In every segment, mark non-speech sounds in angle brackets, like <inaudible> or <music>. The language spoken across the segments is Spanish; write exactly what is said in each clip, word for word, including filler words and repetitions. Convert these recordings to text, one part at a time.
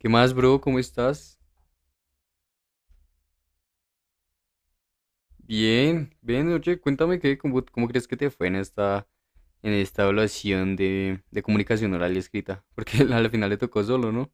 ¿Qué más, bro? ¿Cómo estás? Bien, bien, oye, cuéntame qué, cómo, cómo crees que te fue en esta, en esta evaluación de, de comunicación oral y escrita. Porque <laughs> al final le tocó solo, ¿no?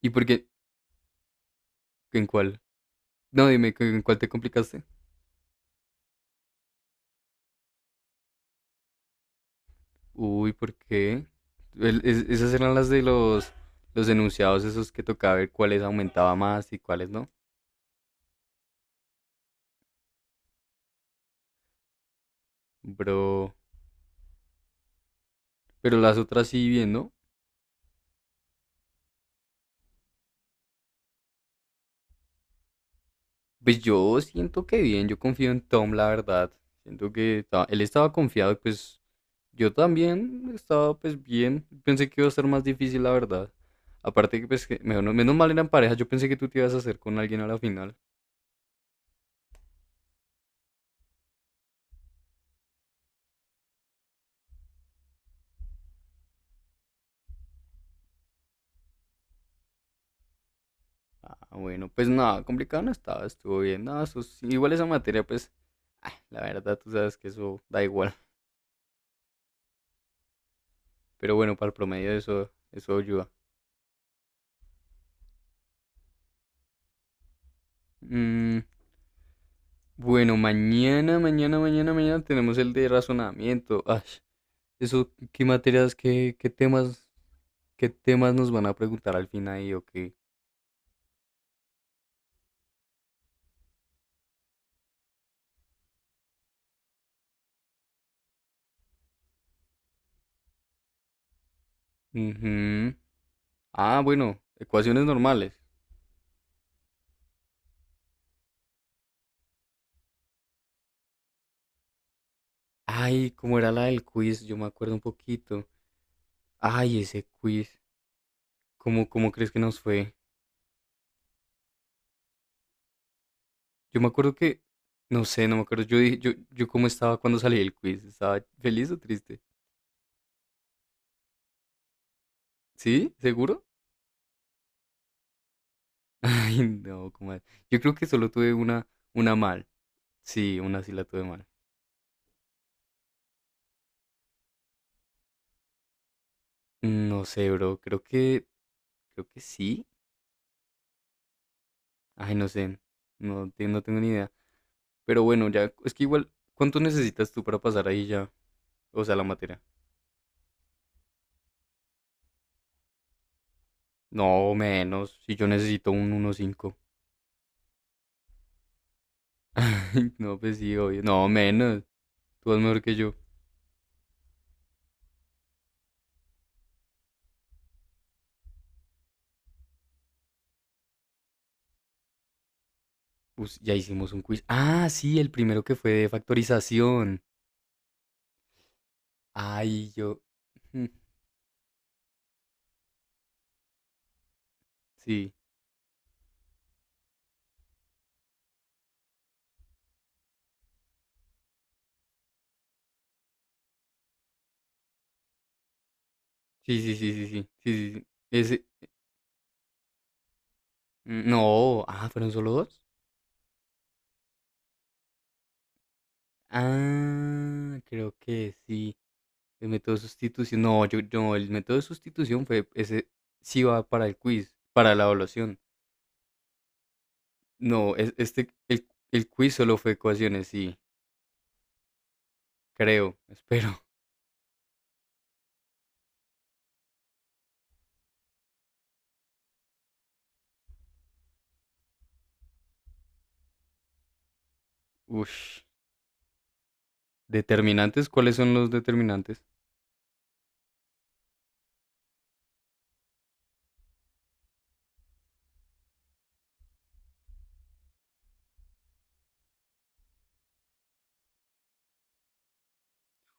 ¿Y por qué? ¿En cuál? No, dime, ¿en cuál te complicaste? Uy, ¿por qué? El- es- esas eran las de los, los enunciados esos que tocaba ver cuáles aumentaba más y cuáles no. Bro, pero las otras sí bien, ¿no? Pues yo siento que bien, yo confío en Tom, la verdad. Siento que ta- él estaba confiado y pues yo también estaba pues bien, pensé que iba a ser más difícil, la verdad. Aparte que pues que- menos, menos mal eran parejas, yo pensé que tú te ibas a hacer con alguien a la final. Ah, bueno, pues nada, complicado no estaba, estuvo bien. Nada, eso sí, igual esa materia, pues, ah, la verdad tú sabes que eso da igual. Pero bueno, para el promedio eso, eso ayuda. Mm, bueno, mañana, mañana, mañana, mañana tenemos el de razonamiento. Ay, eso, ¿qué materias, qué, qué temas, qué temas nos van a preguntar al final ahí o qué? Ujú. Ah, bueno, ecuaciones normales. Ay, ¿cómo era la del quiz? Yo me acuerdo un poquito. Ay, ese quiz. ¿Cómo, cómo crees que nos fue? Yo me acuerdo que, no sé, no me acuerdo. Yo dije, yo, yo cómo estaba cuando salí del quiz. ¿Estaba feliz o triste? ¿Sí? ¿Seguro? <laughs> Ay, no, ¿cómo es? Yo creo que solo tuve una, una mal. Sí, una sí la tuve mal. Mm, No sé, bro. Creo que, creo que sí. Ay, no sé. No, te- no tengo ni idea. Pero bueno, ya, es que igual, ¿cuánto necesitas tú para pasar ahí ya? O sea, la materia. No, menos. Si yo necesito un uno cinco. <laughs> No, pues sí, obvio. No, menos. Tú eres mejor que yo. Us- ya hicimos un quiz. Ah, sí, el primero que fue de factorización. Ay, yo. Mm. Sí. Sí, sí, sí, sí, sí. Sí, sí, sí. Ese. Mm. No. Ah, ¿fueron solo dos? Ah, creo que sí. El método de sustitución. No, yo, no, el método de sustitución fue. Ese sí va para el quiz, para la evaluación. No, es- este, el, el quiz solo fue ecuaciones, sí. Creo, <laughs> espero. Ush, determinantes, ¿cuáles son los determinantes?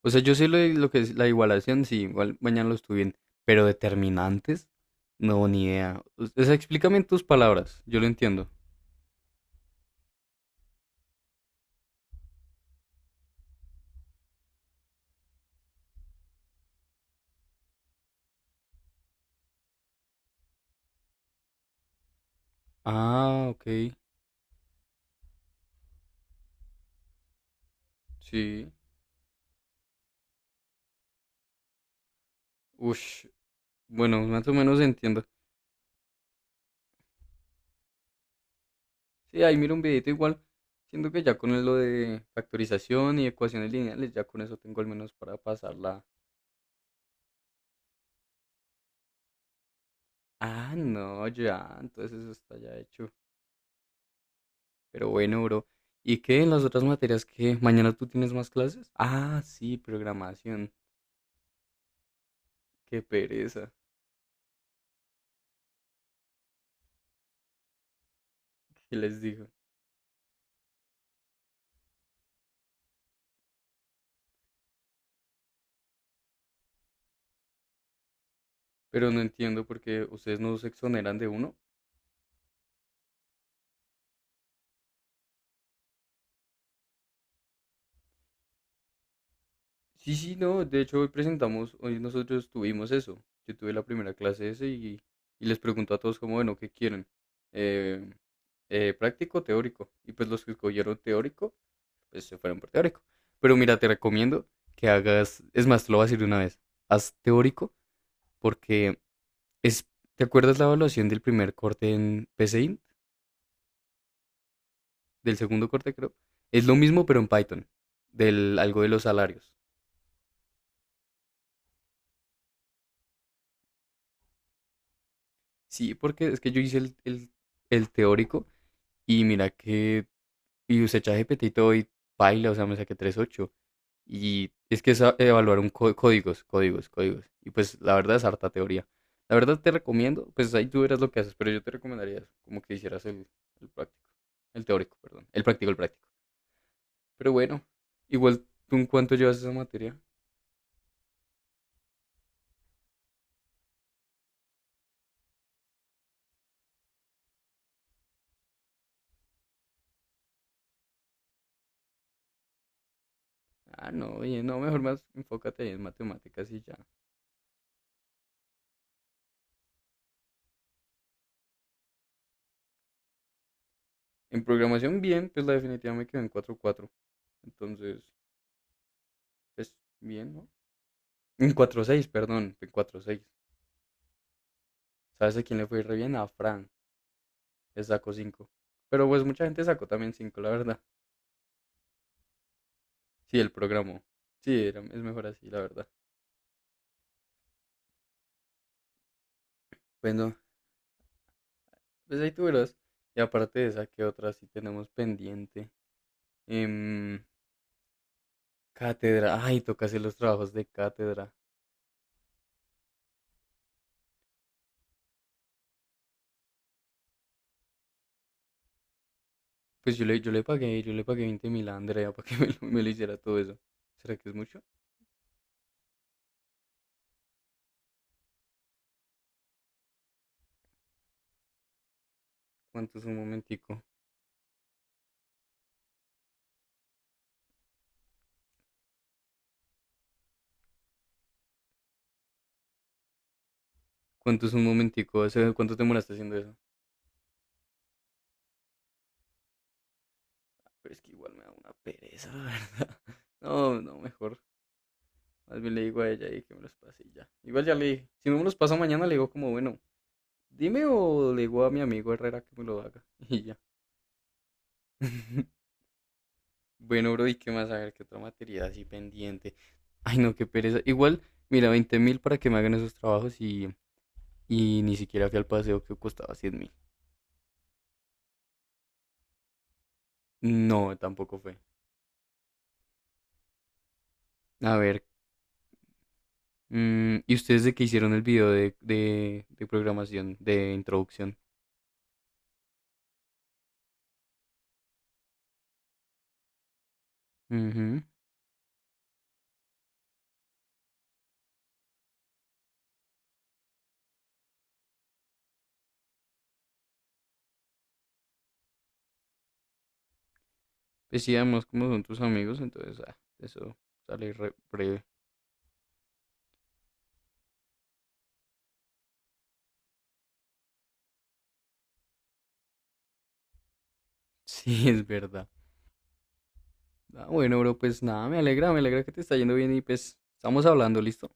O sea, yo sé lo, de- lo que es la igualación, sí, igual mañana lo estudié, pero determinantes, no, ni idea. O sea, explícame en tus palabras, yo lo entiendo. Ah, ok, sí. Ush, bueno, más o menos entiendo. Sí, ahí miro un videito igual, siento que ya con lo de factorización y ecuaciones lineales, ya con eso tengo al menos para pasarla. Ah, no, ya, entonces eso está ya hecho. Pero bueno, bro. ¿Y qué en las otras materias que mañana tú tienes más clases? Ah, sí, programación. Qué pereza. ¿Qué les digo? Pero no entiendo por qué ustedes no se exoneran de uno. Sí, sí, no. De hecho, hoy presentamos, hoy nosotros tuvimos eso. Yo tuve la primera clase ese y, y les pregunto a todos como, bueno, ¿qué quieren? Eh, eh, práctico, o teórico. Y pues los que escogieron teórico, pues se fueron por teórico. Pero mira, te recomiendo que hagas, es más, te lo voy a decir de una vez, haz teórico porque Es, ¿te acuerdas la evaluación del primer corte en PCInt? Del segundo corte, creo. Es lo mismo, pero en Python. Del algo de los salarios. Sí, porque es que yo hice el, el- el teórico y mira que. Y usé ChatGPT y todo y paila, o sea, me saqué tres ocho. Y es que es a- evaluar un có- códigos, códigos, códigos. Y pues la verdad es harta teoría. La verdad te recomiendo, pues ahí tú verás lo que haces, pero yo te recomendaría eso, como que hicieras el, el práctico. El teórico, perdón. El práctico, el práctico. Pero bueno, igual tú en cuánto llevas esa materia. Ah, no, oye, no, mejor más enfócate ahí en matemáticas y ya. En programación bien, pues la definitiva me quedó en cuatro cuatro. Entonces, pues bien, ¿no? En cuatro seis, perdón, en cuatro seis. ¿Sabes a quién le fue re bien? A Fran, le sacó cinco. Pero pues mucha gente sacó también cinco, la verdad. Sí, el programó. Sí, era- es mejor así, la verdad. Bueno, pues ahí tú verás. Y aparte de esa, ¿qué otra sí tenemos pendiente? Em, Cátedra, ay, toca hacer los trabajos de cátedra. Pues yo le, yo le pagué, yo le pagué veinte mil a Andrea <laughs> para que me lo, me lo hiciera todo eso. ¿Será que es mucho? ¿Cuánto es un momentico? ¿Cuánto es un momentico? Ese- ¿Cuánto te demoraste haciendo eso? Pero es que igual me da una pereza, la verdad. <laughs> No, no, mejor. Más bien le digo a ella y que me los pase y ya. Igual ya le dije. Si no me los pasa mañana, le digo como, bueno, dime o le digo a mi amigo Herrera que me lo haga. <laughs> Y ya. <laughs> Bueno, bro, ¿y qué más? A ver, ¿qué otra materia así pendiente? Ay, no, qué pereza. Igual, mira, veinte mil para que me hagan esos trabajos y, y ni siquiera fui al paseo que costaba cien mil. No, tampoco fue. A ver, mm, ¿y ustedes de qué hicieron el video de, de, de programación, de introducción? Ujú. Pues sí, además, como son tus amigos, entonces ah, eso sale re breve. <laughs> Sí, es verdad. Ah, bueno, bro, pues nada, me alegra, me alegra que te está yendo bien y pues estamos hablando, ¿listo?